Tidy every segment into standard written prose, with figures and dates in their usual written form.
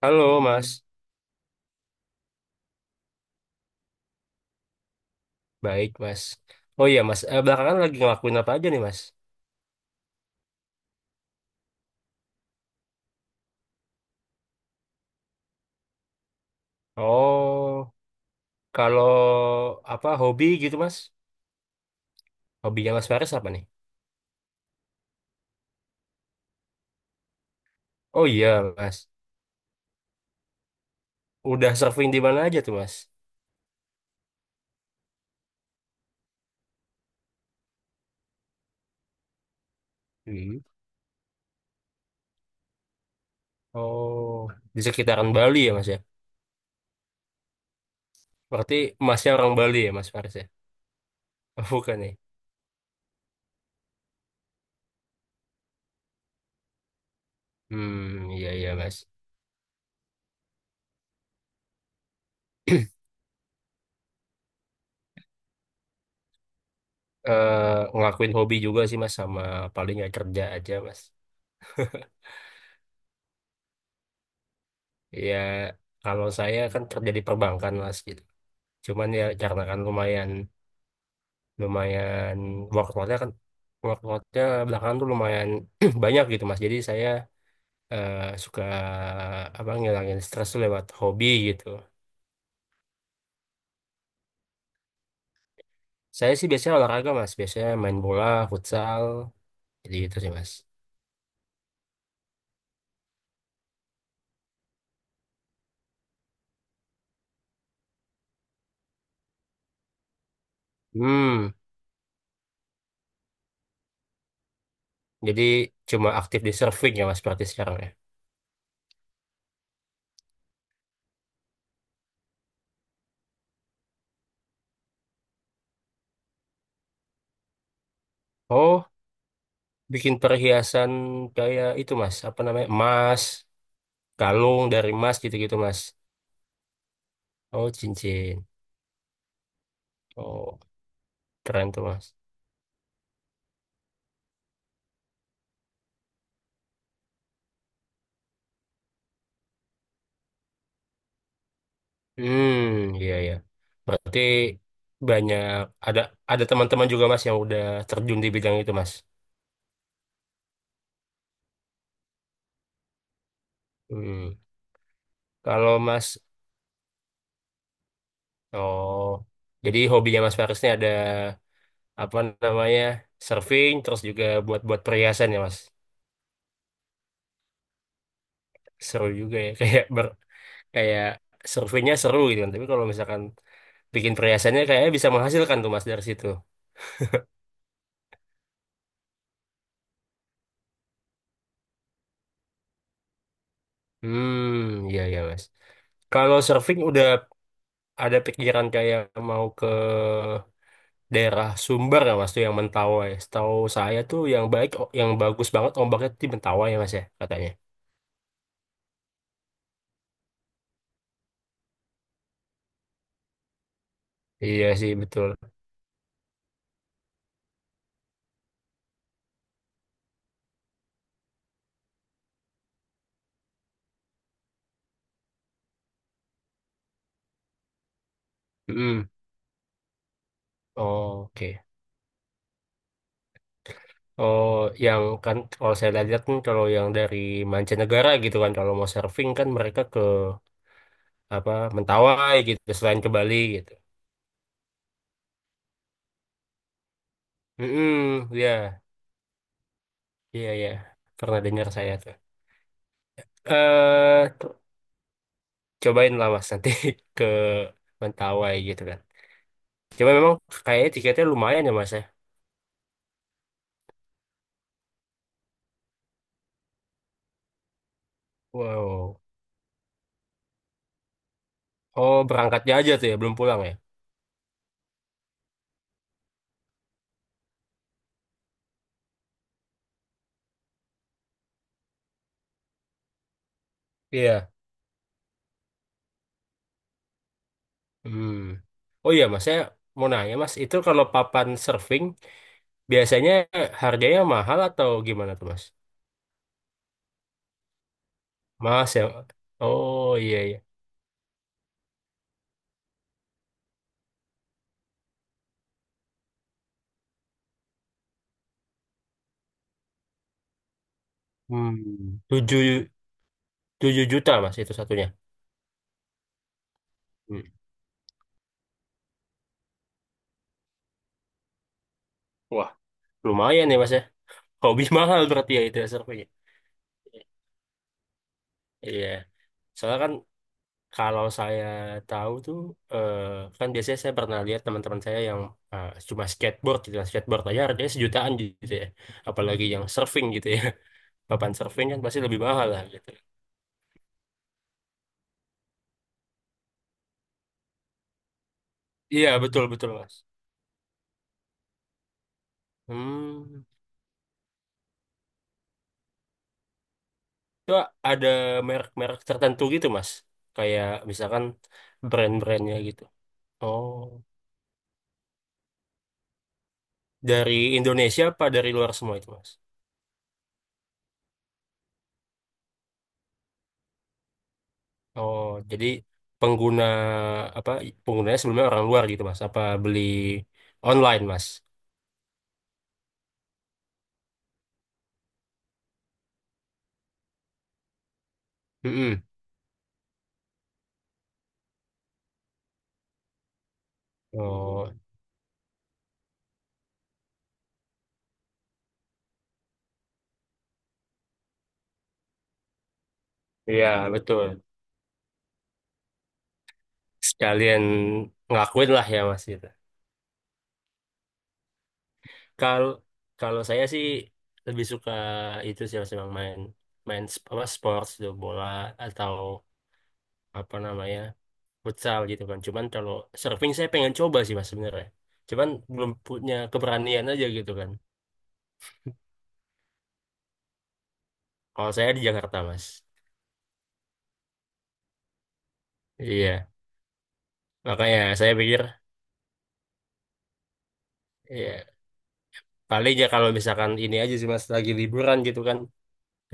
Halo Mas, baik Mas. Oh iya Mas, belakangan lagi ngelakuin apa aja nih Mas? Oh, kalau apa hobi gitu Mas? Hobinya Mas Faris apa nih? Oh iya Mas, udah surfing di mana aja tuh Mas? Hmm. Oh, di sekitaran Bali ya Mas ya? Berarti Masnya orang Bali ya Mas Faris ya? Oh, bukan nih. Hmm, iya iya Mas. Ngelakuin hobi juga sih Mas, sama paling ya kerja aja Mas. Ya kalau saya kan kerja di perbankan Mas gitu. Cuman ya karena kan lumayan lumayan workloadnya kan workloadnya belakangan tuh lumayan banyak gitu mas, jadi saya eh, suka apa ngilangin stres tuh lewat hobi gitu. Saya sih biasanya olahraga mas, biasanya main bola futsal, jadi gitu sih mas. Hmm. Jadi cuma aktif di surfing ya mas berarti sekarang ya. Oh, bikin perhiasan kayak itu mas apa namanya emas, kalung dari emas gitu-gitu mas. Oh cincin, oh keren tuh mas. Hmm, iya ya. Berarti banyak ada ada teman-teman juga Mas yang udah terjun di bidang itu Mas. Hmm. Kalau Mas, oh, jadi hobinya Mas Faris ini ada apa namanya surfing, terus juga buat-buat perhiasan ya Mas. Seru juga ya, kayak surfingnya seru gitu kan. Tapi kalau misalkan bikin perhiasannya kayaknya bisa menghasilkan tuh Mas dari situ. Hmm, iya ya Mas. Kalau surfing udah ada pikiran kayak mau ke daerah Sumber ya mas tuh, yang Mentawai. Setahu saya tuh yang baik, yang bagus banget ombaknya tuh di Mentawai ya mas ya katanya. Iya sih betul. Mm. Oke. Oh, yang kan kalau saya lihat kan kalau yang dari mancanegara gitu kan kalau mau surfing kan mereka ke apa Mentawai gitu selain ke Bali gitu. Mm-mm, ya, iya ya. Pernah dengar saya tuh. Eh, t- Cobain lah mas nanti ke Mentawai gitu kan. Cuma memang kayaknya tiketnya lumayan ya mas ya? Wow. Oh, berangkatnya aja tuh ya, belum pulang ya? Iya. Hmm. Oh iya Mas, saya mau nanya Mas, itu kalau papan surfing biasanya harganya mahal atau gimana tuh Mas? Mas ya. Oh iya iya. Hmm. Tujuh 7 juta Mas, itu satunya. Hmm. Wah, lumayan ya Mas ya. Hobi mahal berarti ya itu ya, surfingnya. Iya. Soalnya kan kalau saya tahu tuh, eh, kan biasanya saya pernah lihat teman-teman saya yang cuma skateboard gitu lah. Skateboard aja harganya sejutaan gitu ya. Apalagi yang surfing gitu ya. Papan surfing kan pasti lebih mahal lah gitu. Iya, betul betul Mas. Hmm. Itu ada merek-merek tertentu gitu Mas. Kayak misalkan brand-brandnya gitu. Oh, dari Indonesia apa dari luar semua itu Mas? Oh, jadi pengguna apa penggunanya sebelumnya orang luar gitu Mas? Apa beli online Mas? Mm-mm. Oh, iya betul. Sekalian ngakuin lah ya Mas gitu. Kalau kalau saya sih lebih suka itu sih Mas, emang main main apa sports gitu, bola atau apa namanya futsal gitu kan. Cuman kalau surfing saya pengen coba sih Mas sebenarnya. Cuman belum punya keberanian aja gitu kan. Kalau saya di Jakarta Mas. Iya. Makanya saya pikir ya paling ya kalau misalkan ini aja sih Mas lagi liburan gitu kan,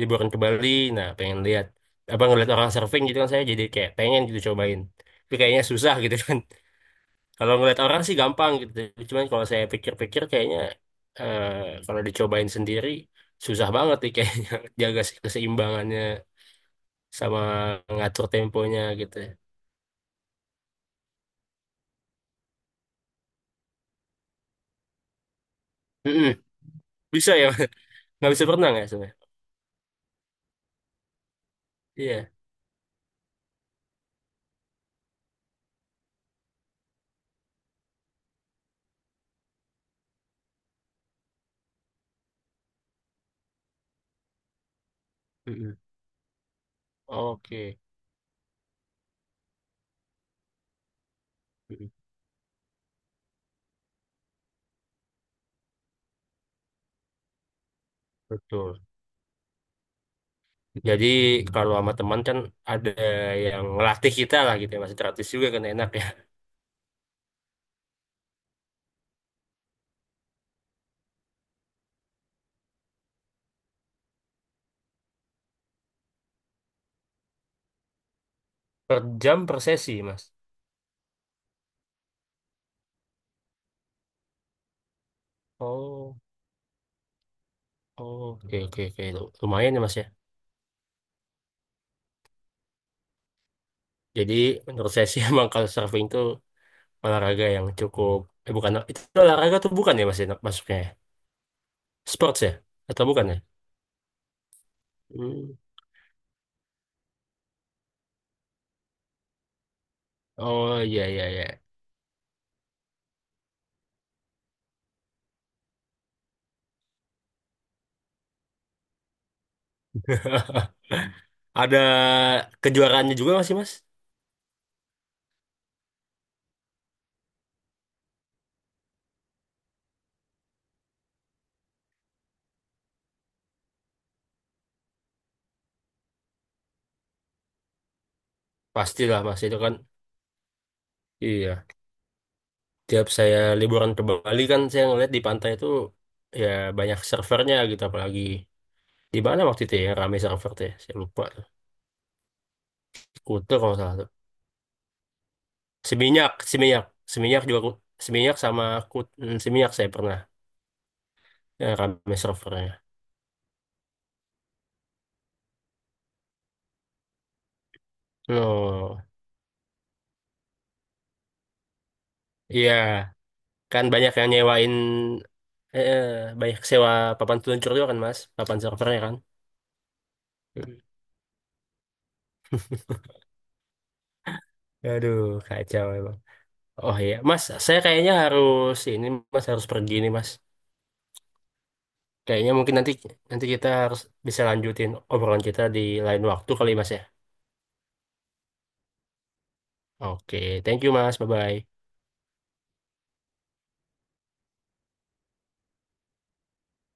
liburan ke Bali, nah pengen lihat apa ngeliat orang surfing gitu kan saya jadi kayak pengen gitu cobain. Tapi kayaknya susah gitu kan. Kalau ngeliat orang sih gampang gitu. Cuman kalau saya pikir-pikir kayaknya eh, kalau dicobain sendiri susah banget nih kayaknya, jaga keseimbangannya sama ngatur temponya gitu. Mm-mm. Bisa ya Mas? Nggak bisa berenang ya sebenarnya. Iya. Mm-mm. Oke. Mm-mm. Betul. Jadi kalau sama teman kan ada yang ngelatih kita lah gitu ya, masih gratis juga kan enak ya. Per jam per sesi mas. Oh, oh, oke oke oke, lumayan ya mas ya. Jadi menurut saya sih emang kalau surfing itu olahraga yang cukup, eh bukan, itu olahraga tuh bukan ya mas ya masuknya ya? Sports ya atau bukan ya? Hmm. Oh iya iya iya. Ada kejuaraannya juga masih mas? Pastilah mas itu kan. Iya. Tiap saya liburan ke Bali kan saya ngeliat di pantai itu ya banyak servernya gitu, apalagi di mana waktu itu ya yang rame server tuh ya, saya lupa tuh, Kuta kalau nggak salah tuh, Seminyak Seminyak Seminyak juga Seminyak sama Seminyak, saya pernah ya, rame servernya. Oh iya, kan banyak yang nyewain, eh, eh, banyak sewa papan peluncur juga kan mas, papan servernya kan. Hmm. Aduh kacau emang. Oh iya mas, saya kayaknya harus ini mas, harus pergi nih mas. Kayaknya mungkin nanti nanti kita harus bisa lanjutin obrolan kita di lain waktu kali Mas ya. Oke, thank you Mas. Bye bye.